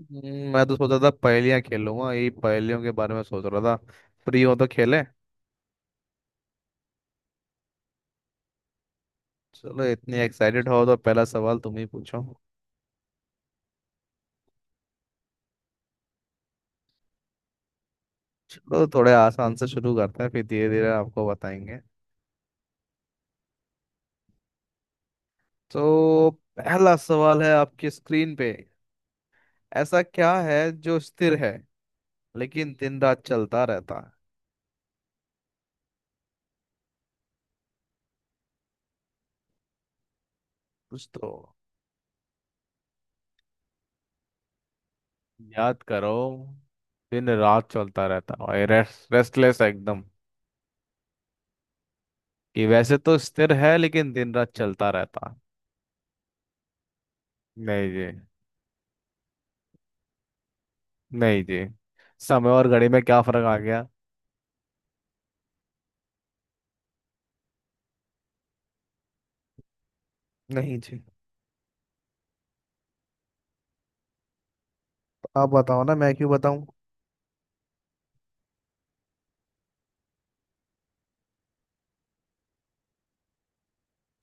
मैं तो सोच रहा था पहेलियां खेलूंगा। यही पहेलियों के बारे में सोच रहा था। फ्री हो तो खेले। चलो इतनी एक्साइटेड हो तो पहला सवाल तुम ही पूछो। चलो थोड़े आसान से शुरू करते हैं फिर धीरे धीरे आपको बताएंगे। तो पहला सवाल है, आपकी स्क्रीन पे ऐसा क्या है जो स्थिर है लेकिन दिन रात चलता रहता है? कुछ तो याद करो। दिन रात चलता रहता और रेस्टलेस एकदम। कि वैसे तो स्थिर है लेकिन दिन रात चलता रहता है। नहीं जी। नहीं जी। समय और घड़ी में क्या फर्क आ गया? नहीं जी। आप बताओ ना, मैं क्यों बताऊं।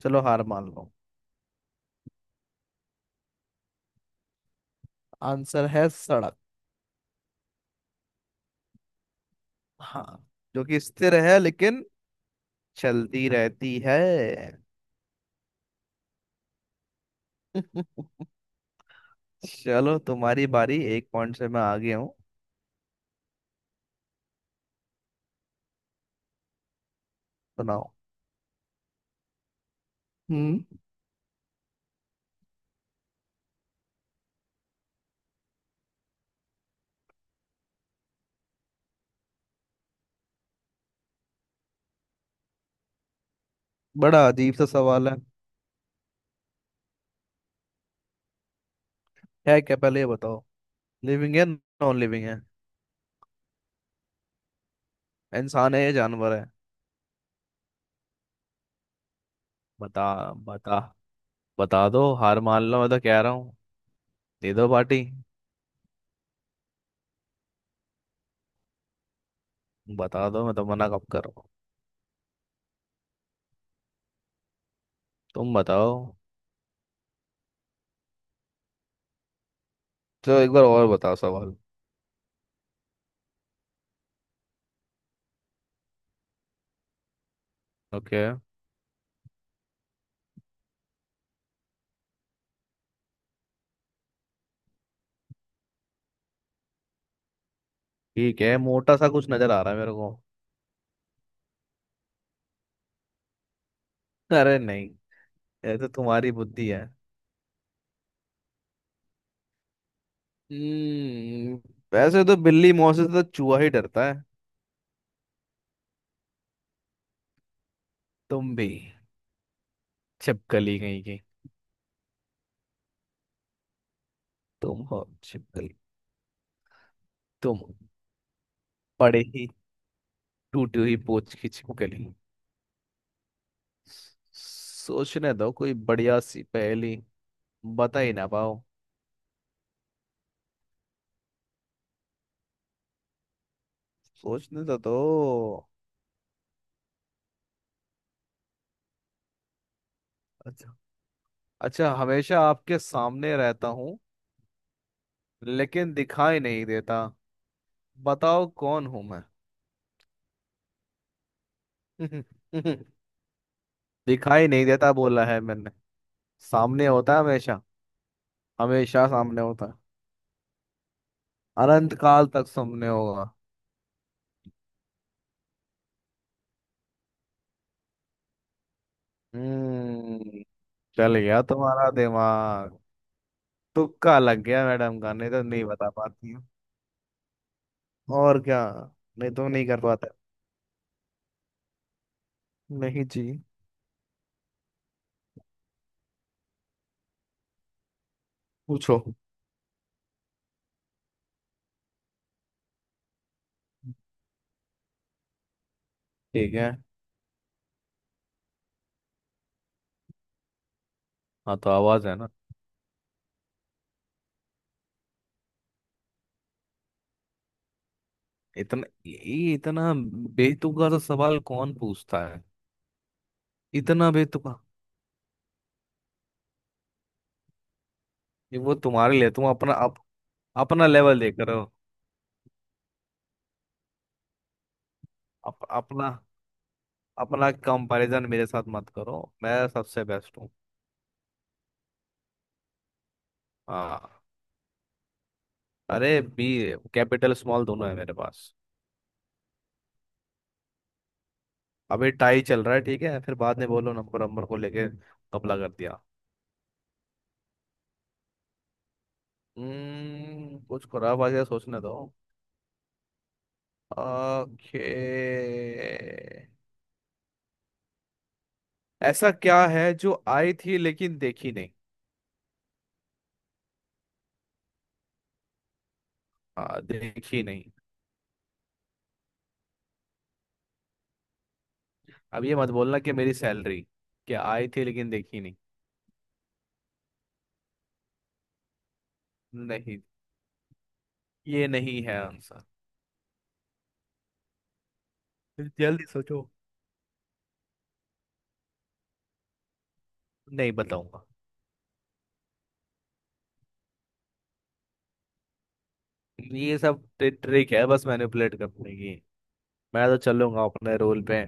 चलो हार मान लो। आंसर है सड़क। हाँ। जो कि स्थिर है लेकिन चलती रहती है। चलो तुम्हारी बारी। एक पॉइंट से मैं आगे हूँ। सुनाओ। हम्म। बड़ा अजीब सा सवाल है। है क्या, पहले ये बताओ। लिविंग है नॉन लिविंग है? इंसान है या जानवर है? बता। बता। बता दो हार मान लो, मैं तो कह रहा हूँ। दे दो पार्टी। बता दो, मैं तो मना कब करूँ। तुम बताओ। चलो एक बार और बताओ सवाल। ओके। ठीक है, मोटा सा कुछ नजर आ रहा है मेरे को। अरे नहीं। ये तो तुम्हारी बुद्धि है। हम्म। वैसे तो बिल्ली मौत से तो चूहा ही डरता है। तुम भी। छिपकली कहीं की। तुम हो छिपकली। तुम हो। पड़े ही टूटी हुई पोच की छिपकली। सोचने दो कोई बढ़िया सी पहेली। बता ही ना पाओ। सोचने तो दो। अच्छा। अच्छा, हमेशा आपके सामने रहता हूँ लेकिन दिखाई नहीं देता। बताओ कौन हूं मैं? दिखाई नहीं देता बोला है मैंने। सामने होता है हमेशा। हमेशा सामने होता है। अनंत काल तक सामने होगा। हम्म। चल गया तुम्हारा दिमाग। तुक्का लग गया मैडम का, नहीं तो नहीं बता पाती हूँ। और क्या। नहीं तो नहीं कर पाते। नहीं जी। पूछो। ठीक है। हाँ तो आवाज है ना। इतना, ये इतना बेतुका सा सवाल कौन पूछता है। इतना बेतुका। ये वो तुम्हारे लिए, तुम अपना अपना लेवल देख रहे हो। अप, अपना अपना कंपैरिजन मेरे साथ मत करो, मैं सबसे बेस्ट हूँ। हाँ। अरे बी कैपिटल स्मॉल दोनों है मेरे पास। अभी टाई चल रहा है, ठीक है, फिर बाद में बोलो नंबर नंबर को लेके। कबला कर दिया। कुछ खराब आ गया, सोचने दो। ओके। ऐसा क्या है जो आई थी लेकिन देखी नहीं? हाँ देखी नहीं। अब ये मत बोलना कि मेरी सैलरी। क्या आई थी लेकिन देखी नहीं? नहीं, ये नहीं है आंसर। जल्दी सोचो। नहीं बताऊंगा। ये सब ट्रिक है बस, मैनिपुलेट करने की। मैं तो चलूंगा अपने रूल पे।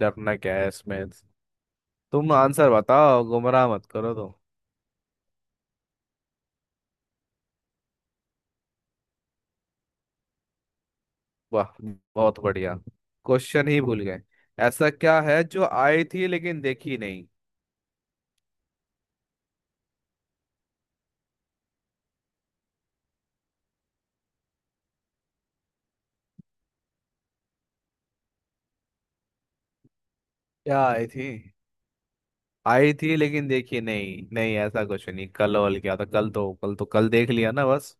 डरना क्या है इसमें? तुम आंसर बताओ, गुमराह मत करो तो। वाह, बहुत बढ़िया। क्वेश्चन ही भूल गए। ऐसा क्या है जो आई थी लेकिन देखी नहीं? क्या आई थी? आई थी लेकिन देखी नहीं। नहीं, ऐसा कुछ नहीं। कल? और क्या था? कल तो कल देख लिया ना बस।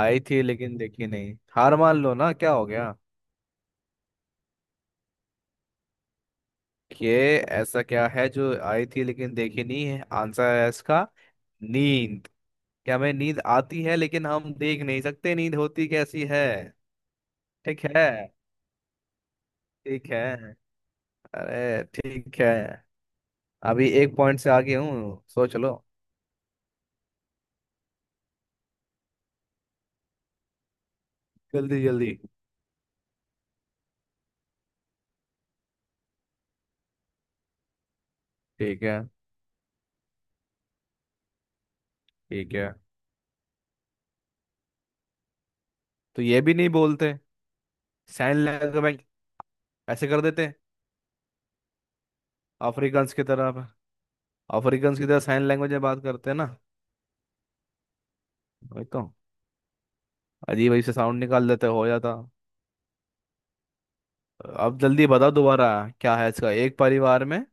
आई थी लेकिन देखी नहीं, हार मान लो ना, क्या हो गया। ये ऐसा क्या है जो आई थी लेकिन देखी नहीं, है आंसर है इसका। नींद। क्या हमें नींद आती है लेकिन हम देख नहीं सकते, नींद होती कैसी है? ठीक है। ठीक है। अरे ठीक है। अभी एक पॉइंट से आगे हूँ, सोच लो। जल्दी जल्दी। ठीक है। ठीक है। तो ये भी नहीं बोलते, साइन लैंग्वेज ऐसे कर देते। अफ्रीकन की तरह। अफ्रीकन की तरह साइन लैंग्वेज में बात करते हैं ना। वही तो। अजीब अजीब से साउंड निकाल देते हो जाता। अब जल्दी बता दोबारा। क्या है इसका एक परिवार में?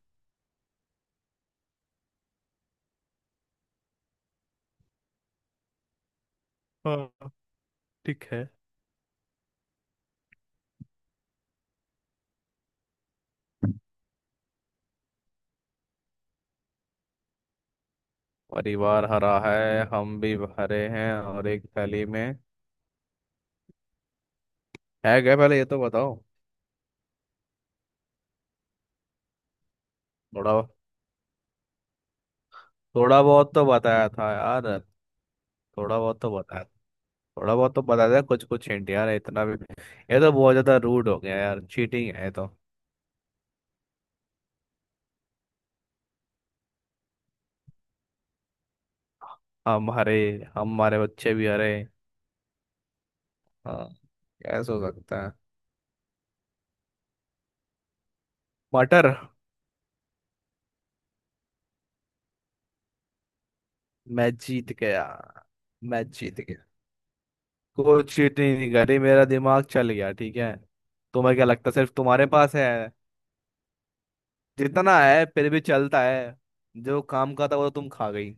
हाँ ठीक है। परिवार हरा है, हम भी हरे हैं, और एक थैली में। है क्या पहले ये तो बताओ? थोड़ा। थोड़ा बहुत तो बताया था यार। थोड़ा बहुत तो बताया। थोड़ा बहुत तो बताया था, कुछ कुछ हिंट यार, इतना भी। ये तो बहुत ज्यादा रूड हो गया यार, चीटिंग है ये तो। हम हरे। हम हमारे बच्चे भी हरे। हाँ। कैसे हो सकता है? मटर। मैं जीत गया। मैं जीत गया। कोई चीट नहीं करी, मेरा दिमाग चल गया ठीक है। तुम्हें क्या लगता है सिर्फ तुम्हारे पास है? जितना है फिर भी चलता है। जो काम का था वो तो तुम खा गई।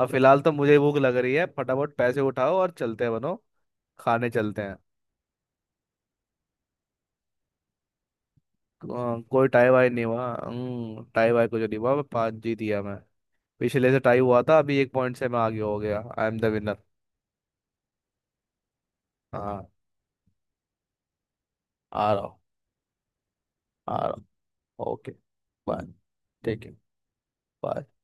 अब फिलहाल तो मुझे भूख लग रही है, फटाफट पैसे उठाओ और चलते हैं बनो। खाने चलते हैं। कोई टाई वाई नहीं हुआ, टाई वाई कुछ नहीं हुआ, मैं पाँच जीत गया मैं। पिछले से टाई हुआ था, अभी एक पॉइंट से मैं आगे हो गया, आई एम द विनर। हाँ। आ रहा हूँ। आ रहा हूँ। ओके। बाय। ठीक है। bye।